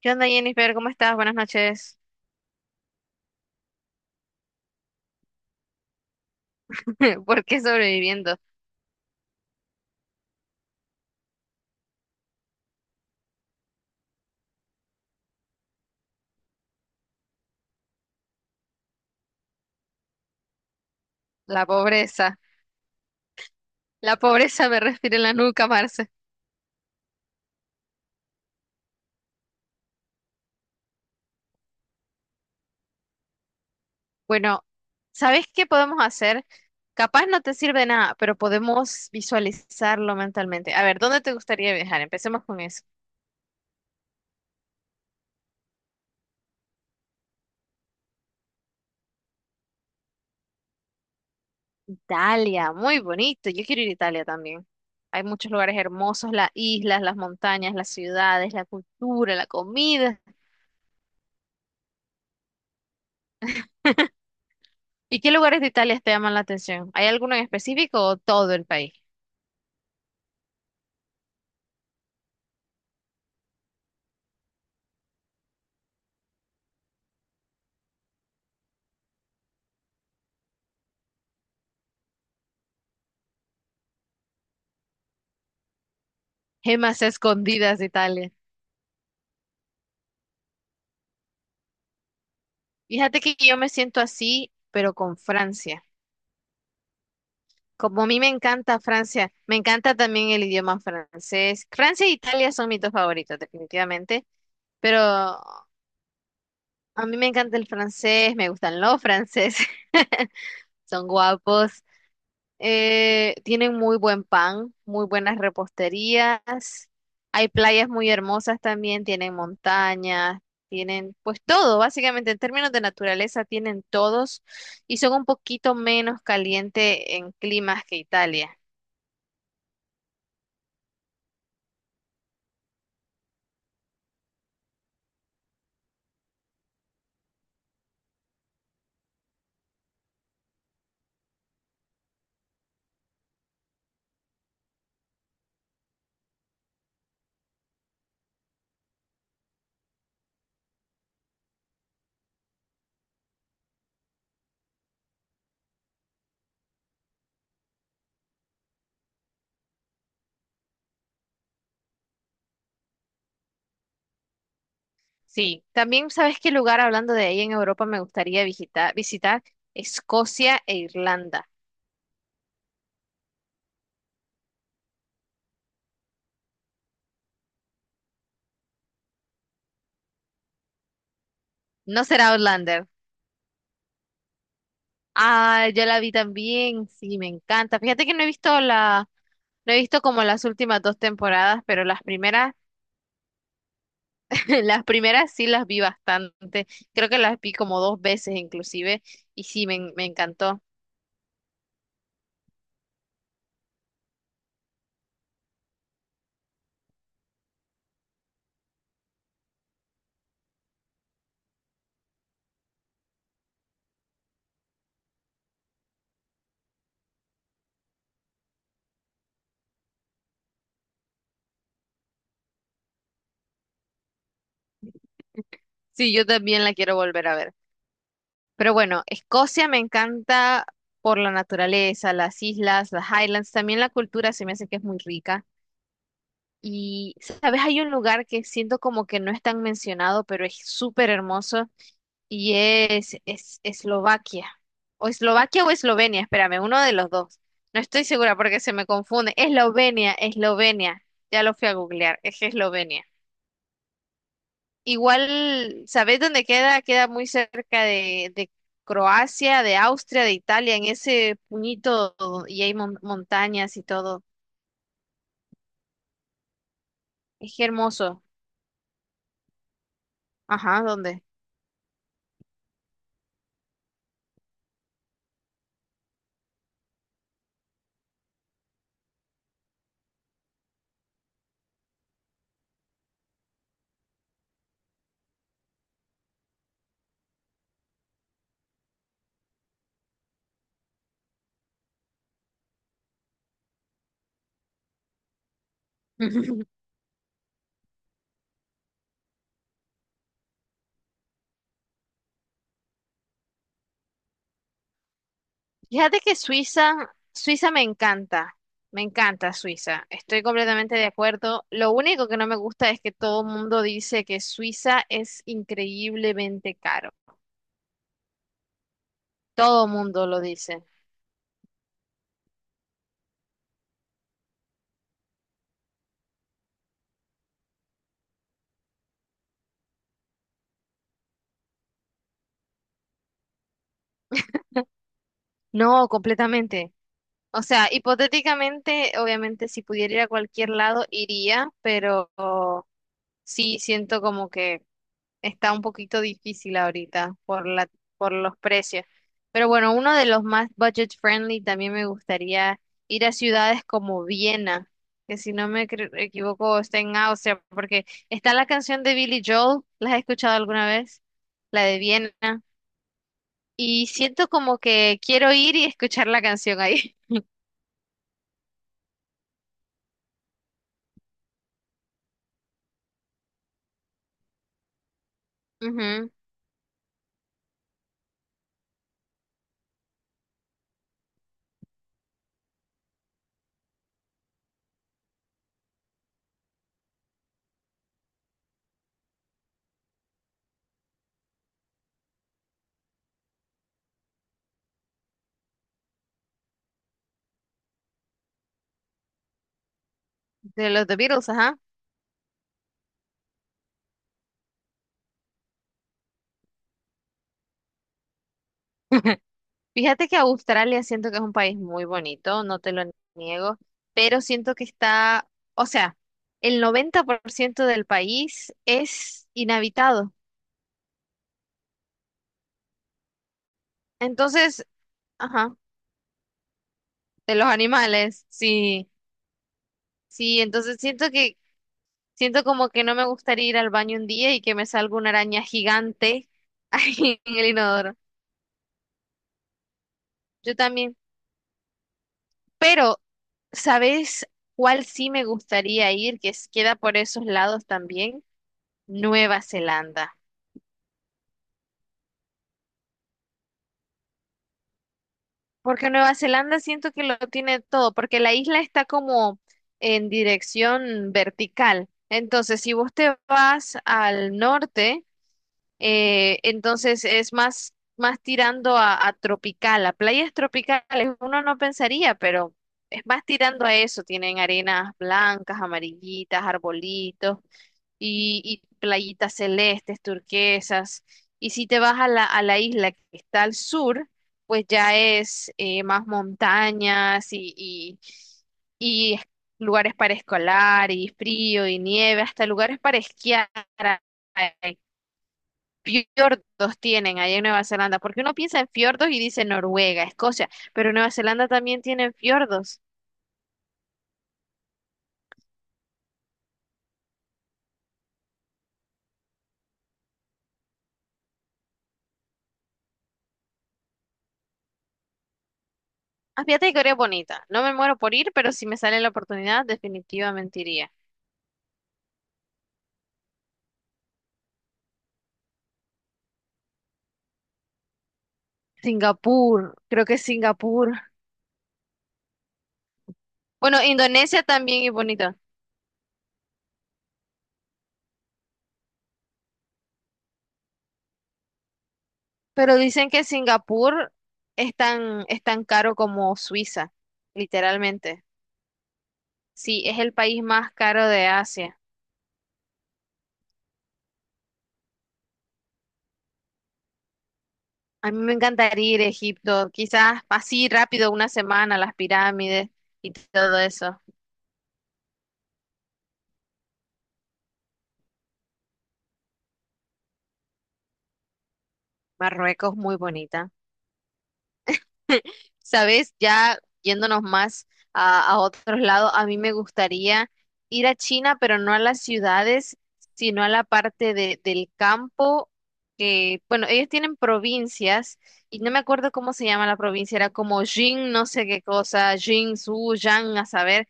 ¿Qué onda, Jennifer? ¿Cómo estás? Buenas noches. ¿Por qué sobreviviendo? La pobreza. La pobreza me respira en la nuca, Marce. Bueno, ¿sabes qué podemos hacer? Capaz no te sirve de nada, pero podemos visualizarlo mentalmente. A ver, ¿dónde te gustaría viajar? Empecemos con eso. Italia, muy bonito. Yo quiero ir a Italia también. Hay muchos lugares hermosos, las islas, las montañas, las ciudades, la cultura, la comida. ¿Y qué lugares de Italia te llaman la atención? ¿Hay alguno en específico o todo el país? Gemas escondidas de Italia. Fíjate que yo me siento así, pero con Francia. Como a mí me encanta Francia, me encanta también el idioma francés. Francia e Italia son mis dos favoritos, definitivamente. Pero a mí me encanta el francés, me gustan los franceses, son guapos. Tienen muy buen pan, muy buenas reposterías. Hay playas muy hermosas también, tienen montañas, tienen pues todo, básicamente en términos de naturaleza tienen todos y son un poquito menos caliente en climas que Italia. Sí, también sabes qué lugar hablando de ahí en Europa me gustaría visitar Escocia e Irlanda. ¿No será Outlander? Ah, yo la vi también, sí, me encanta. Fíjate que no he visto la no he visto como las últimas dos temporadas, pero las primeras, las primeras sí las vi bastante. Creo que las vi como dos veces inclusive y sí, me encantó. Sí, yo también la quiero volver a ver. Pero bueno, Escocia me encanta por la naturaleza, las islas, las Highlands, también la cultura se me hace que es muy rica. Y, ¿sabes? Hay un lugar que siento como que no es tan mencionado, pero es súper hermoso. Y es Eslovaquia. O Eslovaquia o Eslovenia, espérame, uno de los dos. No estoy segura porque se me confunde. Eslovenia, Eslovenia. Ya lo fui a googlear, es Eslovenia. Igual, ¿sabés dónde queda? Queda muy cerca de Croacia, de Austria, de Italia, en ese puñito y hay montañas y todo. Es hermoso. Ajá, ¿dónde? Fíjate que Suiza me encanta Suiza, estoy completamente de acuerdo. Lo único que no me gusta es que todo el mundo dice que Suiza es increíblemente caro. Todo el mundo lo dice. No, completamente. O sea, hipotéticamente, obviamente, si pudiera ir a cualquier lado, iría, pero sí siento como que está un poquito difícil ahorita por por los precios. Pero bueno, uno de los más budget friendly también me gustaría ir a ciudades como Viena, que si no me equivoco está en Austria, porque está la canción de Billy Joel, ¿la has escuchado alguna vez? La de Viena. Y siento como que quiero ir y escuchar la canción ahí. Ujú. De los The Beatles, ajá. Fíjate que Australia siento que es un país muy bonito, no te lo niego, pero siento que está, o sea, el 90% del país es inhabitado. Entonces, ajá, de los animales, sí, sí, entonces siento como que no me gustaría ir al baño un día y que me salga una araña gigante ahí en el inodoro. Yo también, pero, ¿sabes cuál sí me gustaría ir? Que queda por esos lados también, Nueva Zelanda. Porque Nueva Zelanda siento que lo tiene todo, porque la isla está como en dirección vertical. Entonces, si vos te vas al norte, entonces es más tirando a tropical, a playas tropicales. Uno no pensaría, pero es más tirando a eso. Tienen arenas blancas, amarillitas, arbolitos y playitas celestes, turquesas. Y si te vas a a la isla que está al sur, pues ya es más montañas y lugares para escolar y frío y nieve, hasta lugares para esquiar. Hay fiordos tienen allá en Nueva Zelanda, porque uno piensa en fiordos y dice Noruega, Escocia, pero Nueva Zelanda también tienen fiordos. Ah, fíjate que Corea bonita. No me muero por ir, pero si me sale la oportunidad, definitivamente iría. Singapur, creo que es Singapur. Bueno, Indonesia también es bonita, pero dicen que Singapur es tan caro como Suiza, literalmente. Sí, es el país más caro de Asia. A mí me encantaría ir a Egipto, quizás así rápido, una semana, las pirámides y todo eso. Marruecos muy bonita. Sabes, ya yéndonos más a otros lados, a mí me gustaría ir a China, pero no a las ciudades, sino a la parte del campo, que, bueno, ellos tienen provincias, y no me acuerdo cómo se llama la provincia, era como Jing, no sé qué cosa, Jing, Su, Yang, a saber,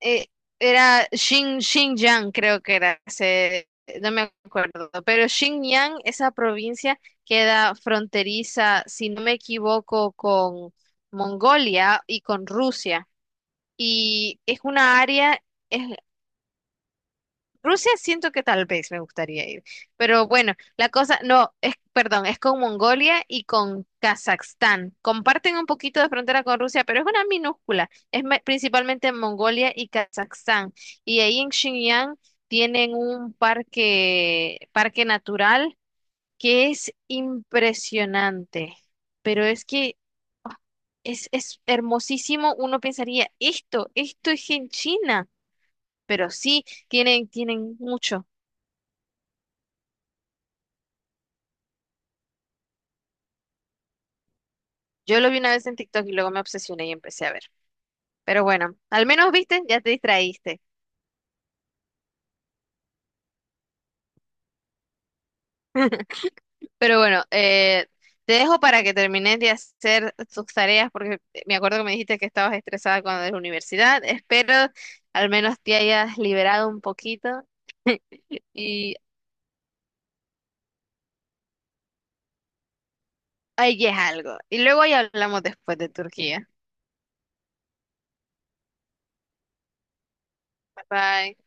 eh, era Xinjiang, creo que era, no me acuerdo, pero Xinjiang, esa provincia queda fronteriza, si no me equivoco, con Mongolia y con Rusia. Y es una área, es, Rusia siento que tal vez me gustaría ir, pero bueno, la cosa, no, es, perdón, es con Mongolia y con Kazajstán. Comparten un poquito de frontera con Rusia, pero es una minúscula. Es principalmente Mongolia y Kazajstán. Y ahí en Xinjiang tienen un parque natural que es impresionante, pero es que es hermosísimo. Uno pensaría, esto es en China, pero sí, tienen mucho. Yo lo vi una vez en TikTok y luego me obsesioné y empecé a ver. Pero bueno, al menos viste, ya te distraíste. Pero bueno, te dejo para que termines de hacer tus tareas porque me acuerdo que me dijiste que estabas estresada cuando de la universidad. Espero al menos te hayas liberado un poquito y ahí es algo. Y luego ahí hablamos después de Turquía. Bye bye.